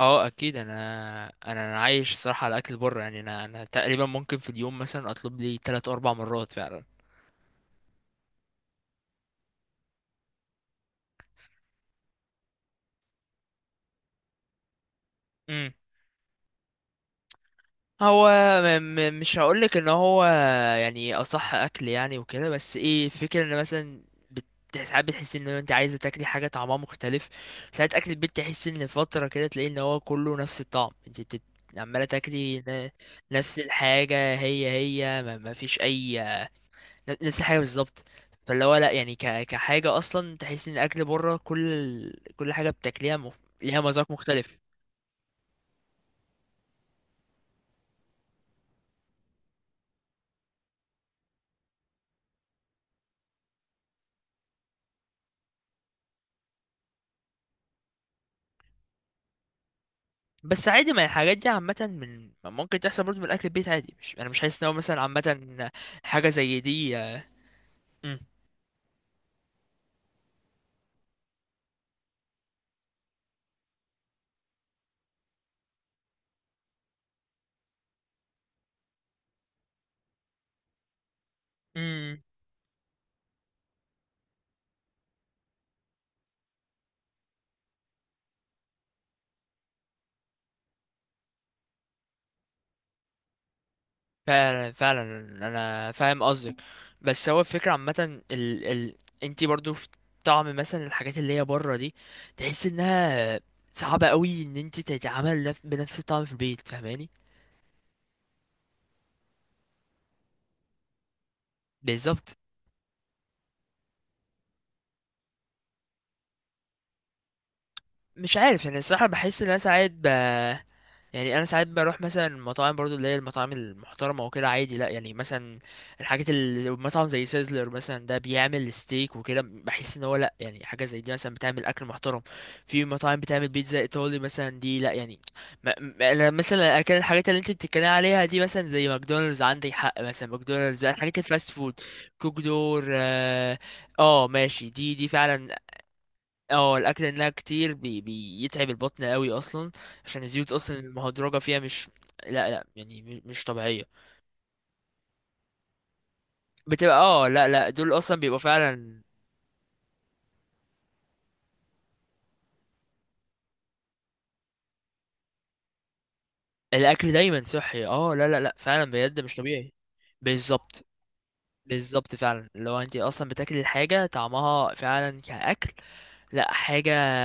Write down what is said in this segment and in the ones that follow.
اه اكيد انا. انا عايش صراحه على اكل بره يعني. انا تقريبا ممكن في اليوم مثلا اطلب لي 3 اربع مرات فعلا. امم هو م م مش هقولك ان هو يعني اصح اكل يعني وكده، بس ايه الفكره؟ ان مثلا ساعات بتحس ان انت عايزه تاكلي حاجه طعمها مختلف. ساعات اكل البيت تحس ان فتره كده تلاقي ان هو كله نفس الطعم. انت عماله تاكلي نفس الحاجه هي، ما فيش اي. نفس الحاجه بالظبط. فاللي هو لا يعني، كحاجه اصلا تحس ان الاكل بره، كل كل حاجه بتاكليها ليها مذاق مختلف. بس عادي، ما الحاجات دي عامه من ممكن تحصل برضه من الاكل البيت عادي. مش انا مش حاسس ان هو مثلا عامه حاجه زي دي آه. مم. مم. فعلا فعلا، انا فاهم قصدك. بس هو الفكره عامه، انتي برضه في طعم مثلا الحاجات اللي هي بره دي، تحس انها صعبة قوي ان انت تتعامل بنفس الطعم في البيت، فاهماني؟ بالظبط. مش عارف يعني الصراحة، بحس ان انا ساعات يعني انا ساعات بروح مثلا المطاعم برضو اللي هي المطاعم المحترمة وكده، عادي لا يعني. مثلا الحاجات اللي مطعم زي سيزلر مثلا، ده بيعمل ستيك وكده، بحس ان هو لا يعني، حاجة زي دي مثلا بتعمل اكل محترم. في مطاعم بتعمل بيتزا ايطالي مثلا، دي لا يعني. انا مثلا اكل الحاجات اللي انت بتتكلم عليها دي مثلا زي ماكدونالدز، عندك حق. مثلا ماكدونالدز بقى، الحاجات الفاست فود، كوك دور، اه آه ماشي، دي دي فعلا اه. الاكل انها كتير بيتعب البطن قوي اصلا عشان الزيوت اصلا المهدرجه فيها، مش لا لا يعني مش طبيعيه. بتبقى اه لا لا، دول اصلا بيبقوا فعلا الاكل دايما صحي. اه لا لا لا فعلا بجد مش طبيعي. بالظبط. بالظبط فعلا، لو انت اصلا بتاكلي الحاجه طعمها فعلا كاكل، لا حاجه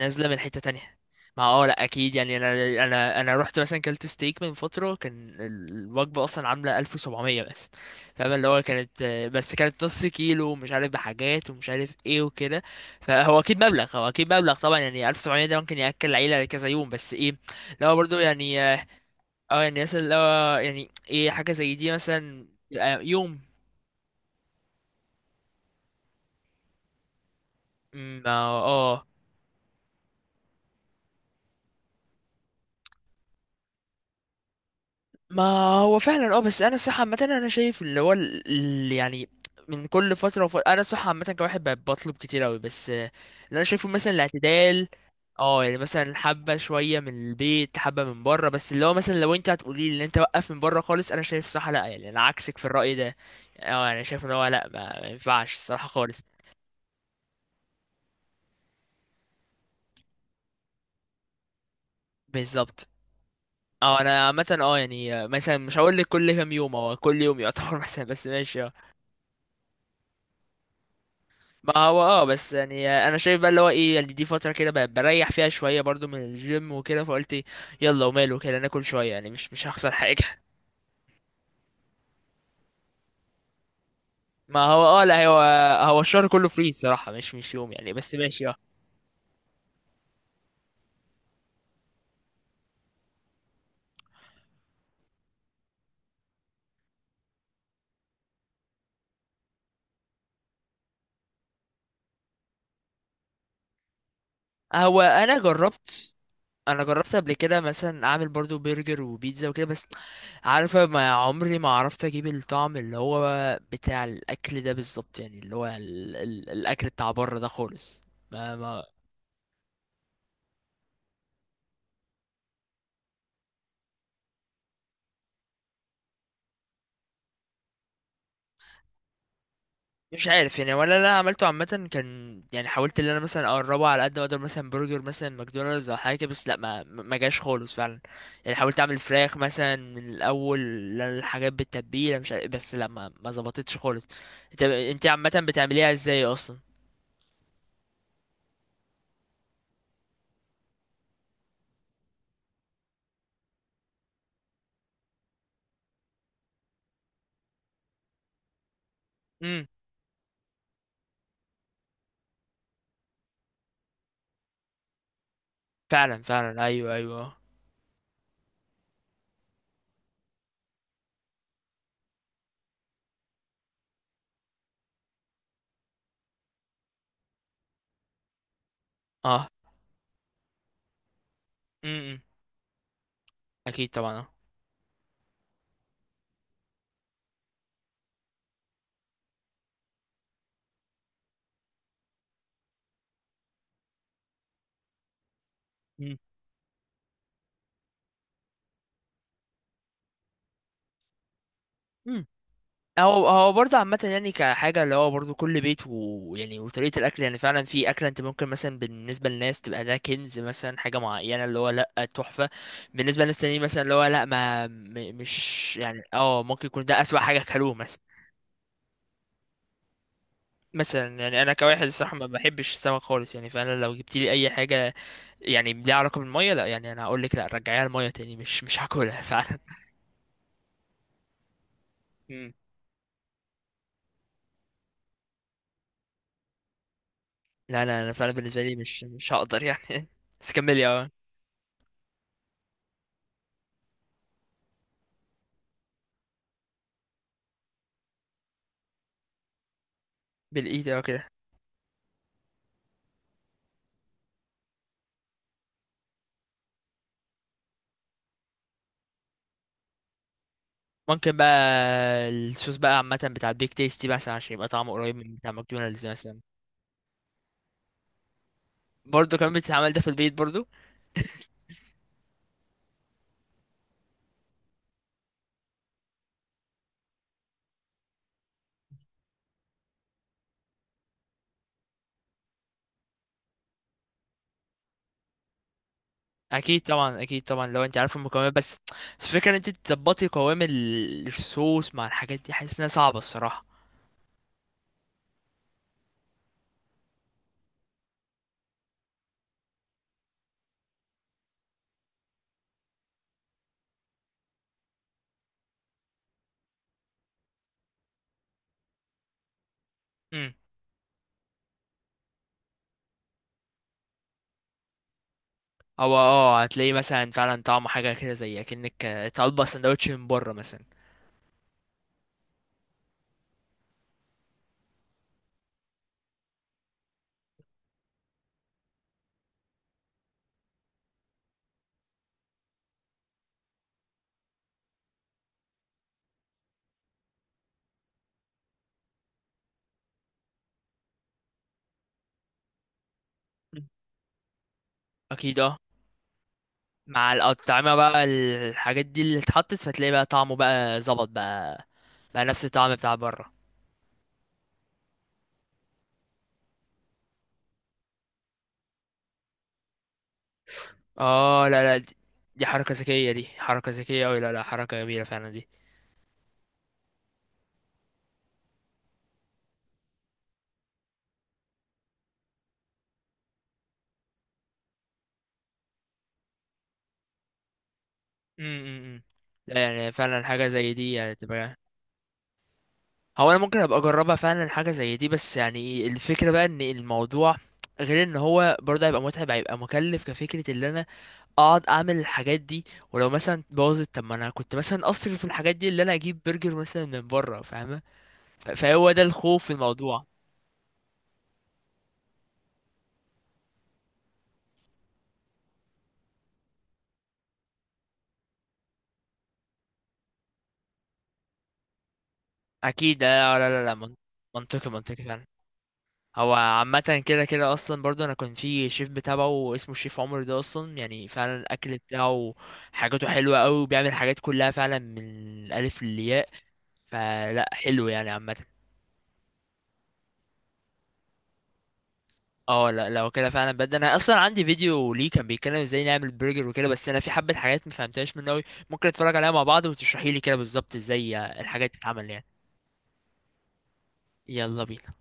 نازله من حته تانية. ما هو لا اكيد يعني، انا انا رحت مثلا كلت ستيك من فتره، كان الوجبه اصلا عامله 1700 بس. فاهم اللي هو كانت، بس كانت نص كيلو مش عارف بحاجات ومش عارف ايه وكده. فهو اكيد مبلغ، هو اكيد مبلغ طبعا، يعني 1700 ده ممكن ياكل العيله كذا يوم. بس ايه، لو برضو يعني، اه يعني مثلا لو، يعني ايه حاجه زي دي مثلا يبقى يوم. أمم، اه ما هو فعلا اه. بس انا صح عامه انا شايف اللي هو يعني، من كل فتره وفترة انا صح عامه كواحد بطلب كتير قوي بس آه، اللي انا شايفه مثلا الاعتدال. اه يعني مثلا حبه شويه من البيت، حبه من بره، بس اللي هو مثلا لو انت هتقولي لي ان انت وقف من بره خالص، انا شايف صح لا يعني، انا عكسك في الراي ده. اه انا شايف ان هو لا، ما ينفعش الصراحه خالص. بالظبط. اه انا عامه اه يعني آه، مثلا مش هقول لك كل كام يوم، هو كل يوم يعتبر مثلا، بس ماشي اه. ما هو اه، بس يعني انا شايف بقى اللي هو ايه يعني، دي فتره كده بقى بريح فيها شويه برضو من الجيم وكده، فقلت إيه، يلا وماله كده ناكل شويه، يعني مش هخسر حاجه ما هو اه لا، هو الشهر كله فري الصراحه، مش يوم يعني، بس ماشي اه. هو انا جربت قبل كده مثلا اعمل برضو برجر وبيتزا وكده، بس عارفه ما عمري ما عرفت اجيب الطعم اللي هو بتاع الاكل ده بالظبط. يعني اللي هو ال ال الاكل بتاع بره ده خالص. ما ما مش عارف يعني، ولا انا عملته عامه، كان يعني حاولت ان انا مثلا اقربه على قد ما اقدر، مثلا برجر مثلا ماكدونالدز او حاجه كده، بس لا ما جاش خالص فعلا. يعني حاولت اعمل فراخ مثلا من الاول الحاجات بالتتبيله، مش عارف، بس لا ما ظبطتش خالص. انت عامه بتعمليها ازاي اصلا؟ امم، فعلا فعلا، ايوه ايوه، اه امم، اكيد طبعا اه. مم. هو برضه عامة يعني، كحاجة اللي هو برضه كل بيت ويعني وطريقة الأكل، يعني فعلا في أكلة أنت ممكن مثلا بالنسبة للناس تبقى ده كنز، مثلا حاجة معينة اللي هو لأ تحفة. بالنسبة للناس تانيين مثلا اللي هو لأ، ما مش يعني اه، ممكن يكون ده أسوأ حاجة كلوه مثلا. مثلا يعني أنا كواحد الصراحة، ما بحبش السمك خالص يعني، فعلا لو جبت لي أي حاجة يعني ليها علاقة بالمية، لأ يعني أنا هقول لك لأ، رجعيها المية تاني، مش هاكلها فعلا. مم. لا لا أنا فعلا بالنسبة لي مش هقدر يعني بس كملي اه. بالإيد اه كده. ممكن بقى الصوص بقى عامة بتاع البيك تيستي بقى، عشان يبقى طعمه قريب من بتاع ماكدونالدز مثلا. برضه كمان بتتعمل ده في البيت برضه؟ اكيد طبعا، اكيد طبعا لو انت عارف المكونات. بس الفكره ان انت تظبطي قوام الصوص مع الحاجات دي، حاسس انها صعبه الصراحه. امم. هو اه هتلاقي مثلا فعلا طعمه حاجه كده، زي اكنك طالبه سندوتش من بره مثلا. مم. اكيد اه، مع الأطعمة بقى الحاجات دي اللي اتحطت، فتلاقي بقى طعمه بقى ظبط بقى، بقى نفس الطعم بتاع بره. اه لا لا، دي حركة ذكية، دي حركة ذكية اوي، لا لا حركة جميلة فعلا دي. امم، لا يعني فعلا حاجة زي دي يعني تبقى. هو انا ممكن ابقى اجربها فعلا حاجة زي دي، بس يعني إيه، الفكرة بقى ان الموضوع غير ان هو برضه هيبقى متعب، هيبقى مكلف كفكرة ان انا اقعد اعمل الحاجات دي، ولو مثلا باظت، طب ما انا كنت مثلا اصرف في الحاجات دي اللي انا اجيب برجر مثلا من بره، فاهمة؟ فهو ده الخوف في الموضوع. اكيد آه، لا لا لا منطقي منطقي فعلا. هو عامة كده كده أصلا برضو، أنا كنت في شيف بتابعه اسمه الشيف عمر ده، أصلا يعني فعلا الأكل بتاعه حاجاته حلوة أوي، وبيعمل حاجات كلها فعلا من الألف للياء، فلا حلو يعني عامة. اه لا لو كده فعلا بجد، أنا أصلا عندي فيديو ليه كان بيتكلم ازاي نعمل برجر وكده، بس أنا في حبة حاجات مفهمتهاش منه أوي، ممكن نتفرج عليها مع بعض وتشرحيلي كده بالظبط ازاي الحاجات تتعمل يعني. يلا بينا.